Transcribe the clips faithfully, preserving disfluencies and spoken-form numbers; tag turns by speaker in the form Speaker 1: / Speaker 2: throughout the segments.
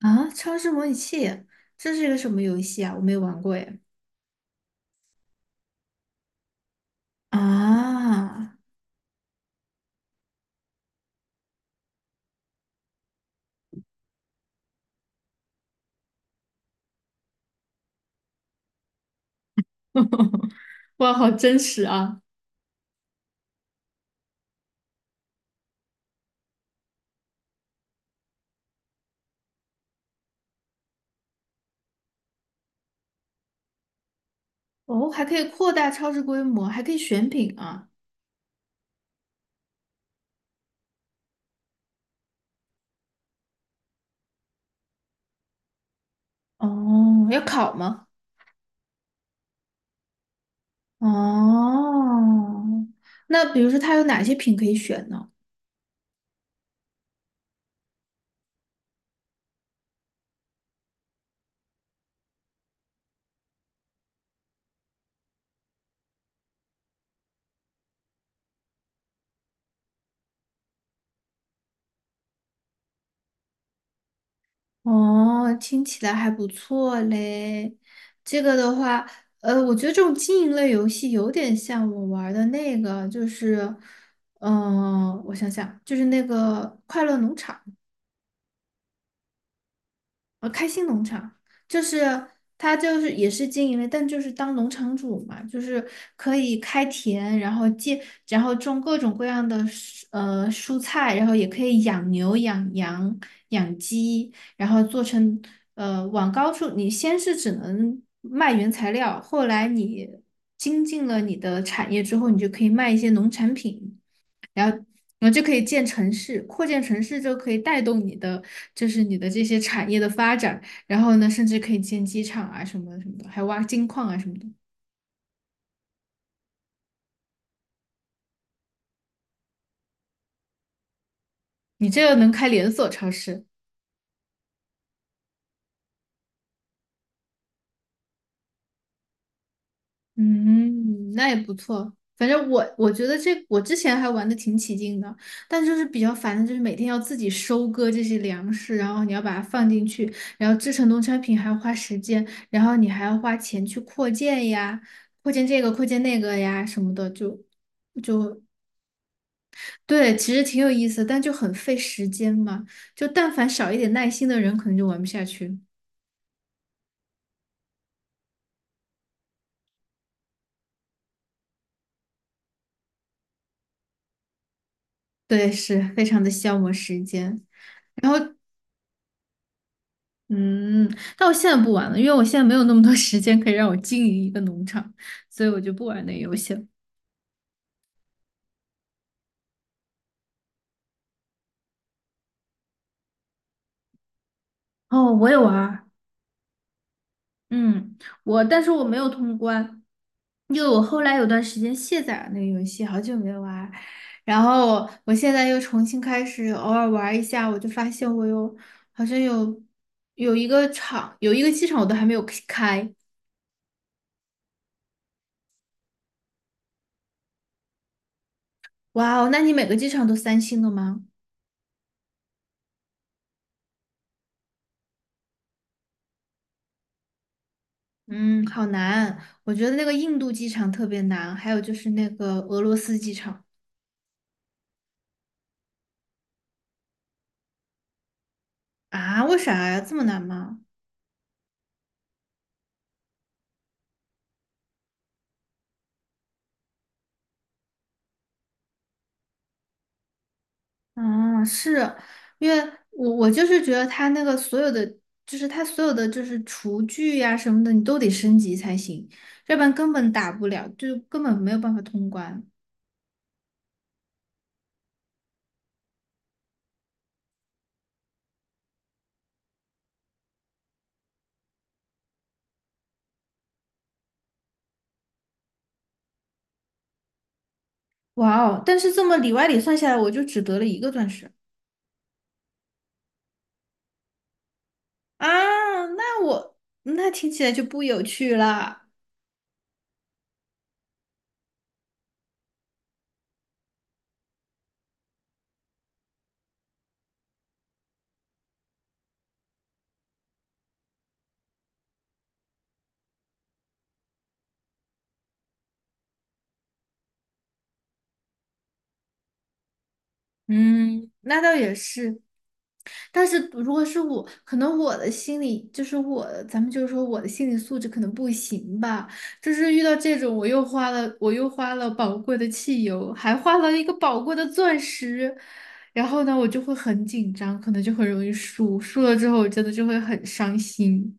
Speaker 1: 啊，超市模拟器，这是一个什么游戏啊？我没有玩过耶。啊，哇，好真实啊！哦，还可以扩大超市规模，还可以选品啊。哦，要考吗？哦，那比如说它有哪些品可以选呢？哦，听起来还不错嘞。这个的话，呃，我觉得这种经营类游戏有点像我玩儿的那个，就是，嗯、我想想，就是那个快乐农场。呃，开心农场就是他就是也是经营类，但就是当农场主嘛，就是可以开田，然后建，然后种各种各样的蔬呃蔬菜，然后也可以养牛、养羊、养鸡，然后做成呃往高处，你先是只能卖原材料，后来你精进了你的产业之后，你就可以卖一些农产品。然后然后就可以建城市，扩建城市就可以带动你的，就是你的这些产业的发展。然后呢，甚至可以建机场啊什么什么的，还挖金矿啊什么的。你这个能开连锁超市，嗯，那也不错。反正我我觉得这我之前还玩的挺起劲的，但就是比较烦的就是每天要自己收割这些粮食，然后你要把它放进去，然后制成农产品还要花时间，然后你还要花钱去扩建呀，扩建这个扩建那个呀什么的，就就对，其实挺有意思，但就很费时间嘛。就但凡少一点耐心的人，可能就玩不下去。对，是非常的消磨时间。然后。嗯，但我现在不玩了，因为我现在没有那么多 时间可以让我经营一个农场，所以我就不玩那个游戏了。哦，我也玩儿。嗯，我但是我没有通关，因为我后来有段时间卸载了那个游戏，好久没玩儿。然后我现在又重新开始偶尔玩儿一下，我就发现我有好像有有一个场，有一个机场我都还没有开。哇哦，那你每个机场都三星的吗？嗯，好难。我觉得那个印度机场特别难，还有就是那个俄罗斯机场。啊，为啥呀？这么难吗？啊，是因为我我就是觉得它那个所有的，就是它所有的就是厨具呀、什么的，你都得升级才行，要不然根本打不了，就根本没有办法通关。哇哦！但是这么里外里算下来，我就只得了一个钻石。啊，那我那听起来就不有趣了。嗯，那倒也是。但是如果是我，可能我的心理就是我，咱们就是说我的心理素质可能不行吧。就是遇到这种，我又花了，我又花了宝贵的汽油，还花了一个宝贵的钻石，然后呢，我就会很紧张，可能就很容易输。输了之后，我真的就会很伤心。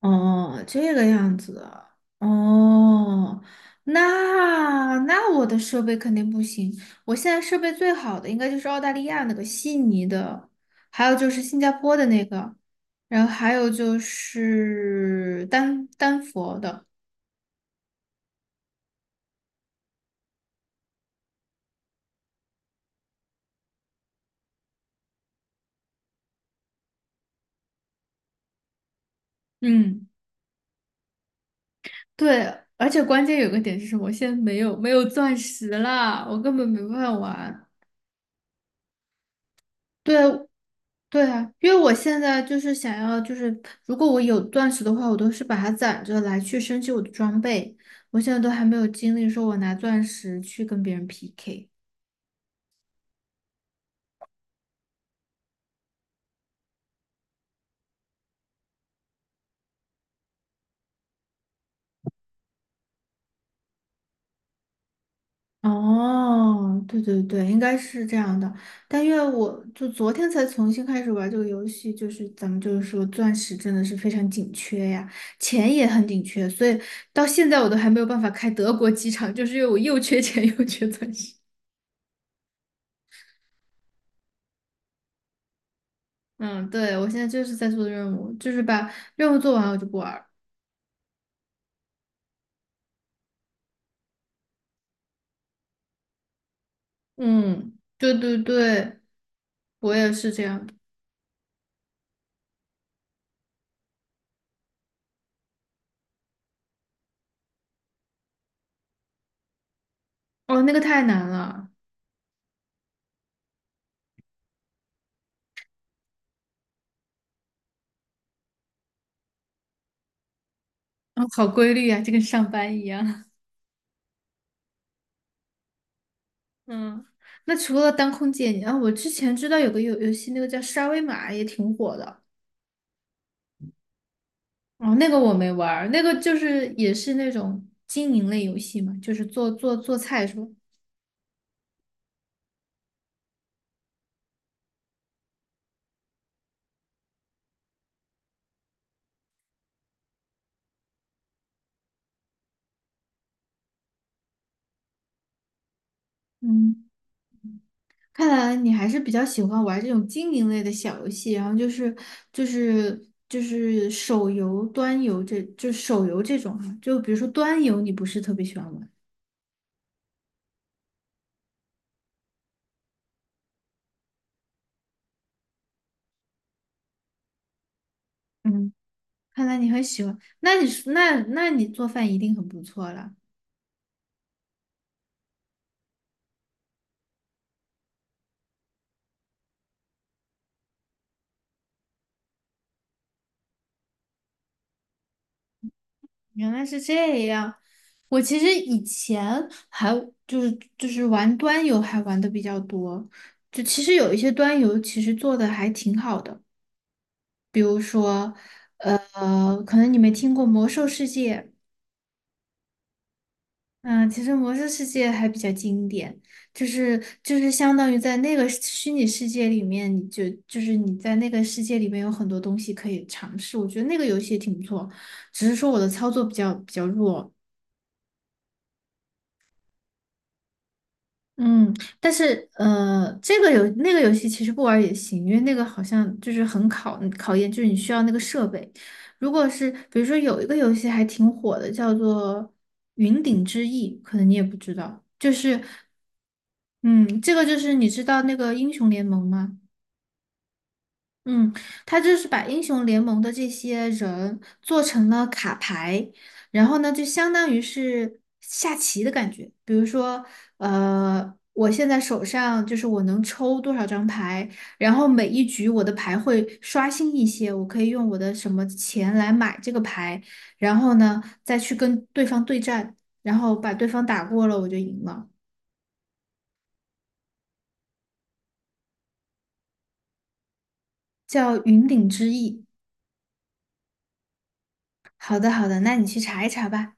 Speaker 1: 哦，这个样子啊，哦，那那我的设备肯定不行。我现在设备最好的应该就是澳大利亚那个悉尼的，还有就是新加坡的那个，然后还有就是丹丹佛的。嗯，对，而且关键有个点是什么？我现在没有没有钻石啦，我根本没办法玩。对，对啊，因为我现在就是想要，就是如果我有钻石的话，我都是把它攒着来去升级我的装备。我现在都还没有精力说我拿钻石去跟别人 P K。哦，对对对，应该是这样的。但因为我就昨天才重新开始玩这个游戏，就是咱们就是说钻石真的是非常紧缺呀，钱也很紧缺，所以到现在我都还没有办法开德国机场，就是因为我又缺钱又缺钻石。嗯，对，我现在就是在做任务，就是把任务做完我就不玩儿。嗯，对对对，我也是这样的。哦，那个太难了。哦，好规律啊，就跟上班一样。嗯，那除了当空姐，你啊，我之前知道有个游游戏，那个叫沙威玛，也挺火的。哦，那个我没玩儿那个就是也是那种经营类游戏嘛，就是做做做菜是吧？嗯。看来你还是比较喜欢玩这种经营类的小游戏，然后就是就是就是手游、端游这就手游这种哈，就比如说端游，你不是特别喜欢玩，嗯，看来你很喜欢，那你是那那你做饭一定很不错了，原来是这样。我其实以前还就是就是玩端游还玩的比较多，就其实有一些端游其实做的还挺好的，呃，呃可能你没听过《魔兽世界》。嗯，其实《魔兽世界》还比较经典，就是就是相当于在那个虚拟世界里面，你就就是你在那个世界里面有很多东西可以尝试，我觉得那个游戏也挺不错，只是说我的操作比较比较弱。嗯，但是呃，这个游那个游戏其实不玩儿也行，因为那个好像就是很考考验，就是你需要那个设备。如果是比如说有一个游戏还挺火的，叫做《云顶之弈》，可能你也不知道，就是。嗯，这个就是你知道那个英雄联盟吗？嗯，他就是把英雄联盟的这些人做成了卡牌，然后呢，就相当于是下棋的感觉。比如说，呃，我现在手上就是我能抽多少张牌，然后每一局我的牌会刷新一些，我可以用我的什么钱来买这个牌，然后呢，再去跟对方对战，然后把对方打过了，我就赢了。叫云顶之弈。好的，好的，那你去查一查吧。